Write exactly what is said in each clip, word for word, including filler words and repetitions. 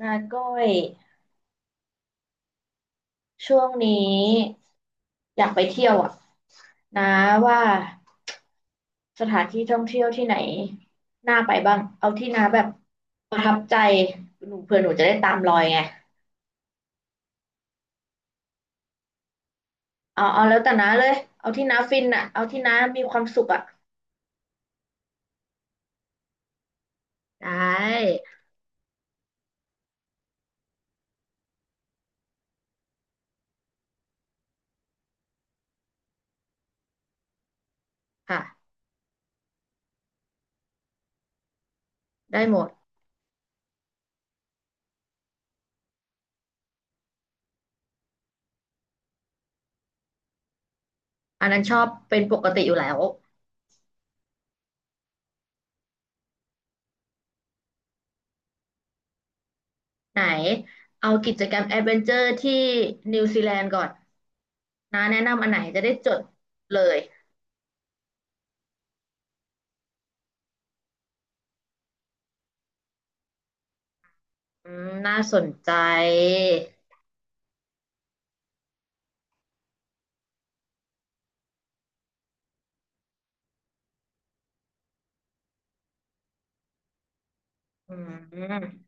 นาก้อยช่วงนี้อยากไปเที่ยวอ่ะนาว่าสถานที่ท่องเที่ยวที่ไหนน่าไปบ้างเอาที่นาแบบประทับใจหนูเผื่อหนูจะได้ตามรอยไงเอาเอาแล้วแต่นาเลยเอาที่นาฟินอ่ะเอาที่นามีความสุขอ่ะได้ค่ะได้หมดอันนั้นชอบเป็นปกติอยู่แล้วไหนเอากิจกรรมแอดเวนเจอร์ที่นิวซีแลนด์ก่อนนาแนะนำอันไหนจะได้จดเลยอืมน่าสนใจ อืม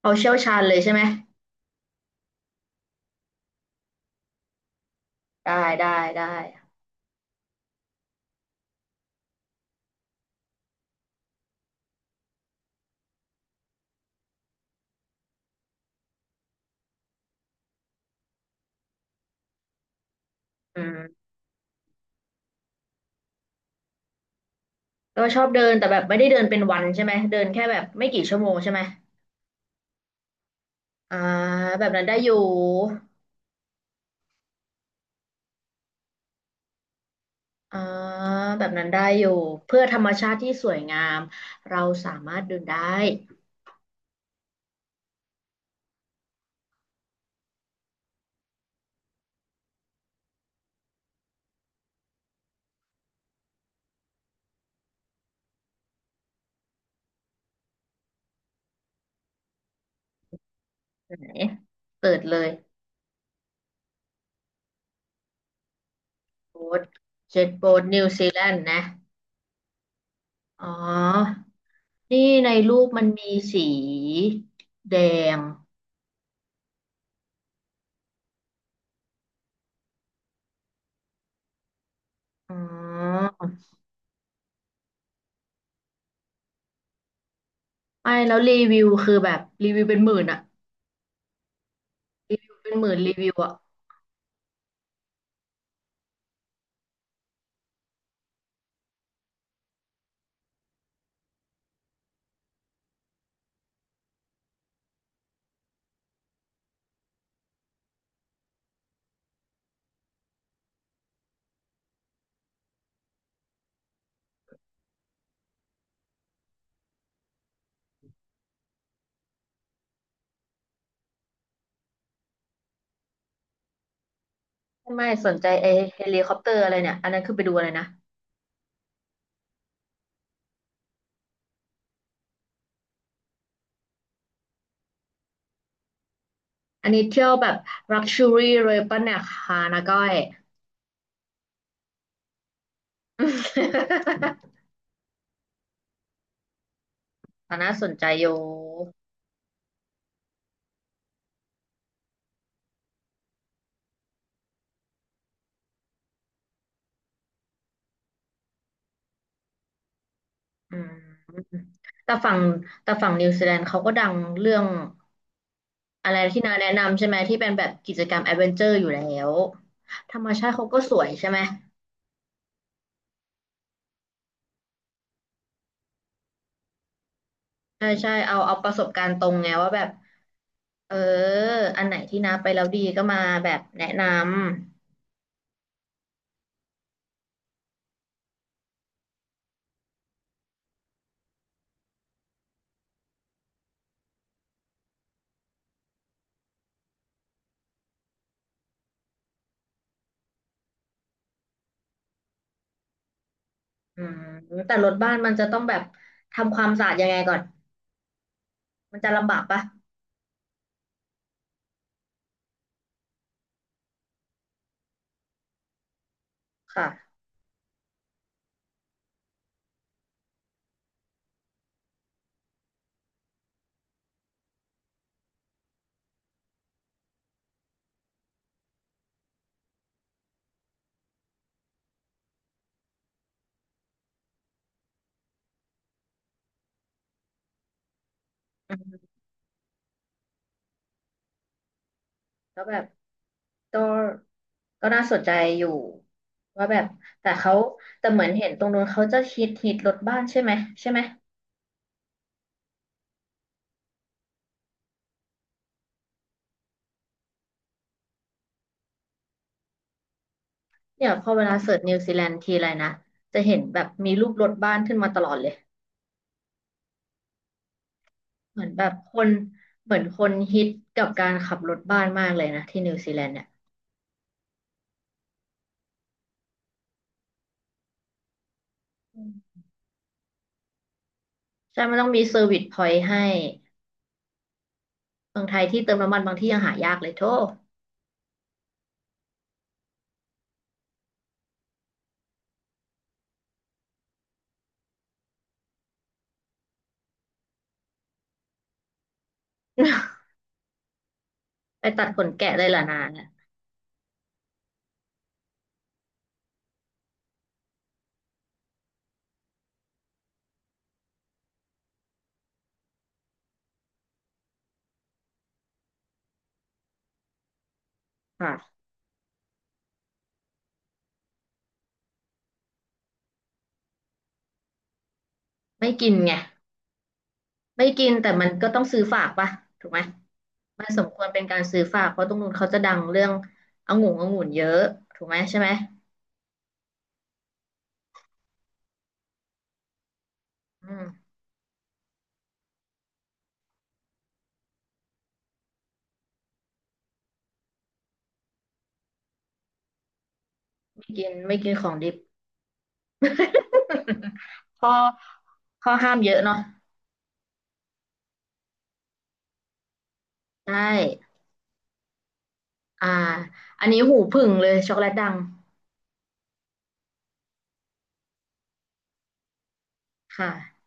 เอาเชี่ยวชาญเลยใช่ไหมได้ได้ได้อืมก็ชอบเดินแต่แบบไม่ได้เดินเป็นวันใช่ไหมเดินแค่แบบไม่กี่ชั่วโมงใช่ไหมอ่าแบบนั้นได้อยู่อ่าแบบนั้นได้อยู่เพื่อธรรมชาติที่สวยงามเราสามารถเดินได้ไหนเปิดเลยโบ๊ทเจ็ตโบ๊ทนิวซีแลนด์นะอ๋อนี่ในรูปมันมีสีแดงอ๋อไม่แล้วรีวิวคือแบบรีวิวเป็นหมื่นอะ รีวิวเป็นหมื่นรีวิวอ่ะไม่ไมสนใจไอเฮลิคอปเตอร์อะไรเนี่ย อันนั้นคือไปดูอะไรนะ อันนี้เที่ยวแบบลักชัวรี่เลยปะเนี่ยค่ะนะก้อยอันน่าสนใจอยู่อืมแต่ฝั่งแต่ฝั่งนิวซีแลนด์เขาก็ดังเรื่องอะไรที่นาแนะนำใช่ไหมที่เป็นแบบกิจกรรมแอดเวนเจอร์อยู่แล้วธรรมชาติเขาก็สวยใช่ไหม ใช่ใช่เอาเอาประสบการณ์ตรงไงว่าแบบเอออันไหนที่น้าไปแล้วดีก็มาแบบแนะนำ อืมแต่รถบ้านมันจะต้องแบบทำความสะอาดยังไงก่อน มันจะลำบากปะค่ะอืมแล้วแบบก็ก็น่าสนใจอยู่ว่าแบบแต่เขาแต่เหมือนเห็นตรงนู้นเขาจะฮิตฮิตรถบ้านใช่ไหมใช่ไหมเนี่ยพอเวลาเสิร์ชนิวซีแลนด์ทีไรนะจะเห็นแบบมีรูปรถบ้านขึ้นมาตลอดเลยเหมือนแบบคนเหมือนคนฮิตกับการขับรถบ้านมากเลยนะที่นิวซีแลนด์เนี่ยอืมใช่มันต้องมีเซอร์วิสพอยต์ให้เมืองไทยที่เติมน้ำมันบางที่ยังหายากเลยโธ่ ไปตัดขนแกะเลยเหรอนาเนี่ยค่ะไม่กินไง ไม่กินแต่มันก็ต้องซื้อฝากปะถูกไหมมันสมควรเป็นการซื้อฝากเพราะตรงนู้นเขาจะดังเรื่ององุ่นองุ่นเยอะถูกไหมใช่ไหมอืมไม่กิน ไม่กินของดิบ ข้อข้อห้ามเยอะเนาะใช่อ่าอันนี้หูผึ่งเลยช็อกโกแลตดังค่ะ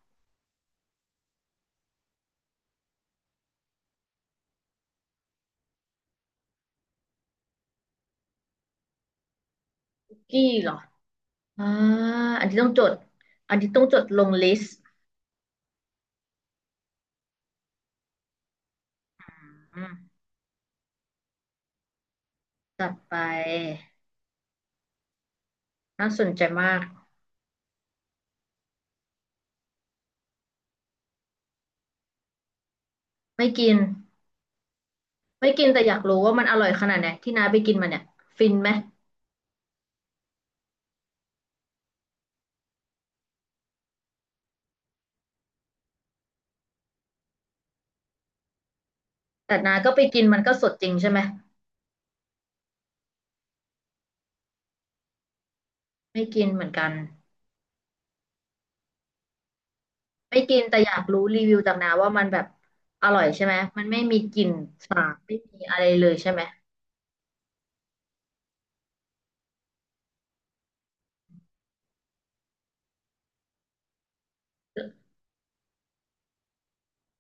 กกี้เหรออ่าอันนี้ต้องจด อันนี้ต้องจดลงลิสต์อืมจัดไป น่าสนใจมากไม่กิน ไม่กินแต่อยากรู้ว่ามันอร่อยขนาดไหนที่น้าไปกินมาเนี่ยฟินไหมแต่น้าก็ไปกินมันก็สดจริงใช่ไหมไม่กินเหมือนกันไม่กินแต่อยากรู้รีวิวจากน้าว่ามันแบบอร่อยใช่ไหมมันไม่มีกลิ่นสาบไม่มีอะไรเลยใช่ไหม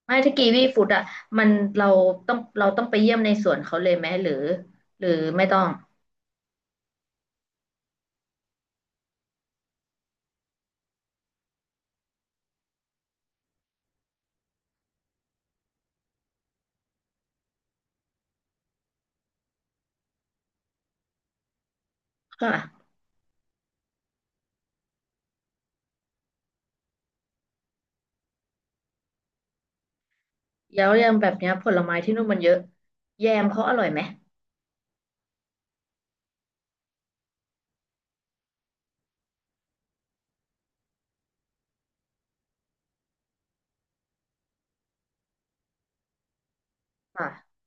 ไม่ถ้ากีวีฟู้ดอ่ะมันเราต้องเราต้องไปเยี่ยมในสวนเขาเลยไหมหรือหรือไม่ต้องค่ะแล้วอย่างแบบเนี้ยผลไม้ที่นู่นมันเยอะแยมเขาอร่อยไหมค่ะ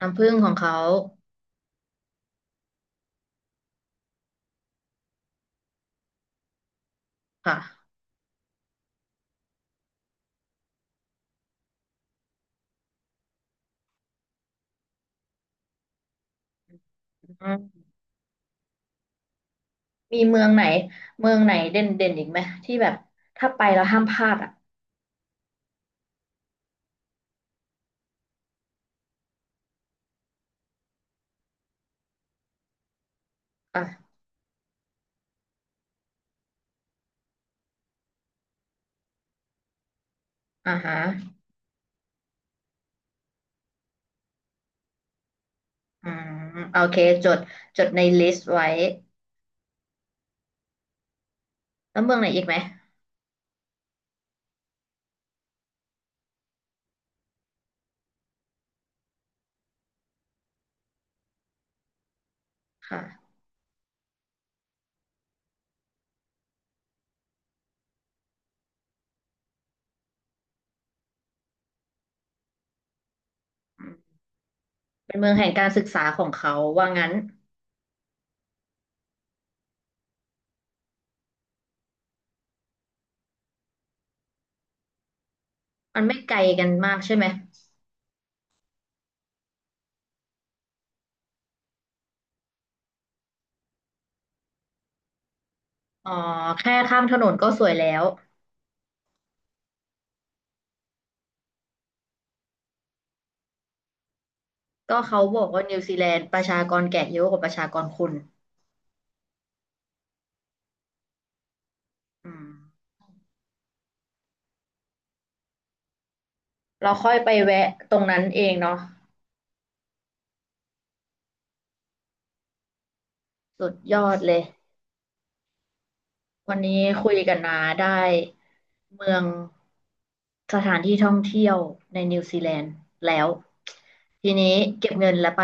น้ำผึ้งของเขาค่ะ มีเมืองไหนเมืองไหนเด่นเด่นอีกไหมที่แบบถ้าไปแล้วห้ามพลาดอ่ะอ่ะอ่าฮะอืมโอเคจดจดในลิสต์ไว้แล้วเมืองไหนอีกไหมค่ะอืมเป็นเมืองแห่งการศึกษาของเขาว่างั้นมันไม่ไกลกันมากใช่ไหมอ๋อแค่ข้ามถนนก็สวยแล้วก็เขาบอกว่านิวซีแลนด์ประชากรแก่เยอะกว่าประชากรคนอืมเราค่อยไปแวะตรงนั้นเองเนาะสุดยอดเลย วันนี้คุยกันนาได้เมืองสถานที่ท่องเที่ยวในนิวซีแลนด์แล้วทีนี้เก็บเงินแล้วไป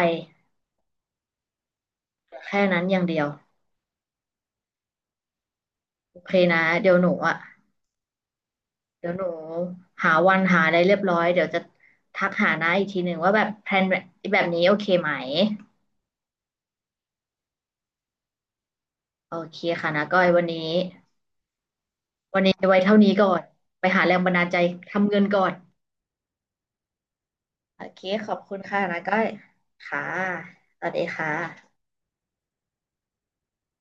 แค่นั้นอย่างเดียวโอเคนะเดี๋ยวหนูอ่ะเดี๋ยวหนูหาวันหาอะไรเรียบร้อยเดี๋ยวจะทักหานาอีกทีหนึ่งว่าแบบแพลนแบบแบบนี้โอเคไหมโอเคค่ะนะก้อยวันนี้วันนี้ไว้เท่านี้ก่อนไปหาแรงบันดาลใจทำเงินก่อนโอเคขอบคุณค่ะนะก้อยค่ะสวัสดีค่ะ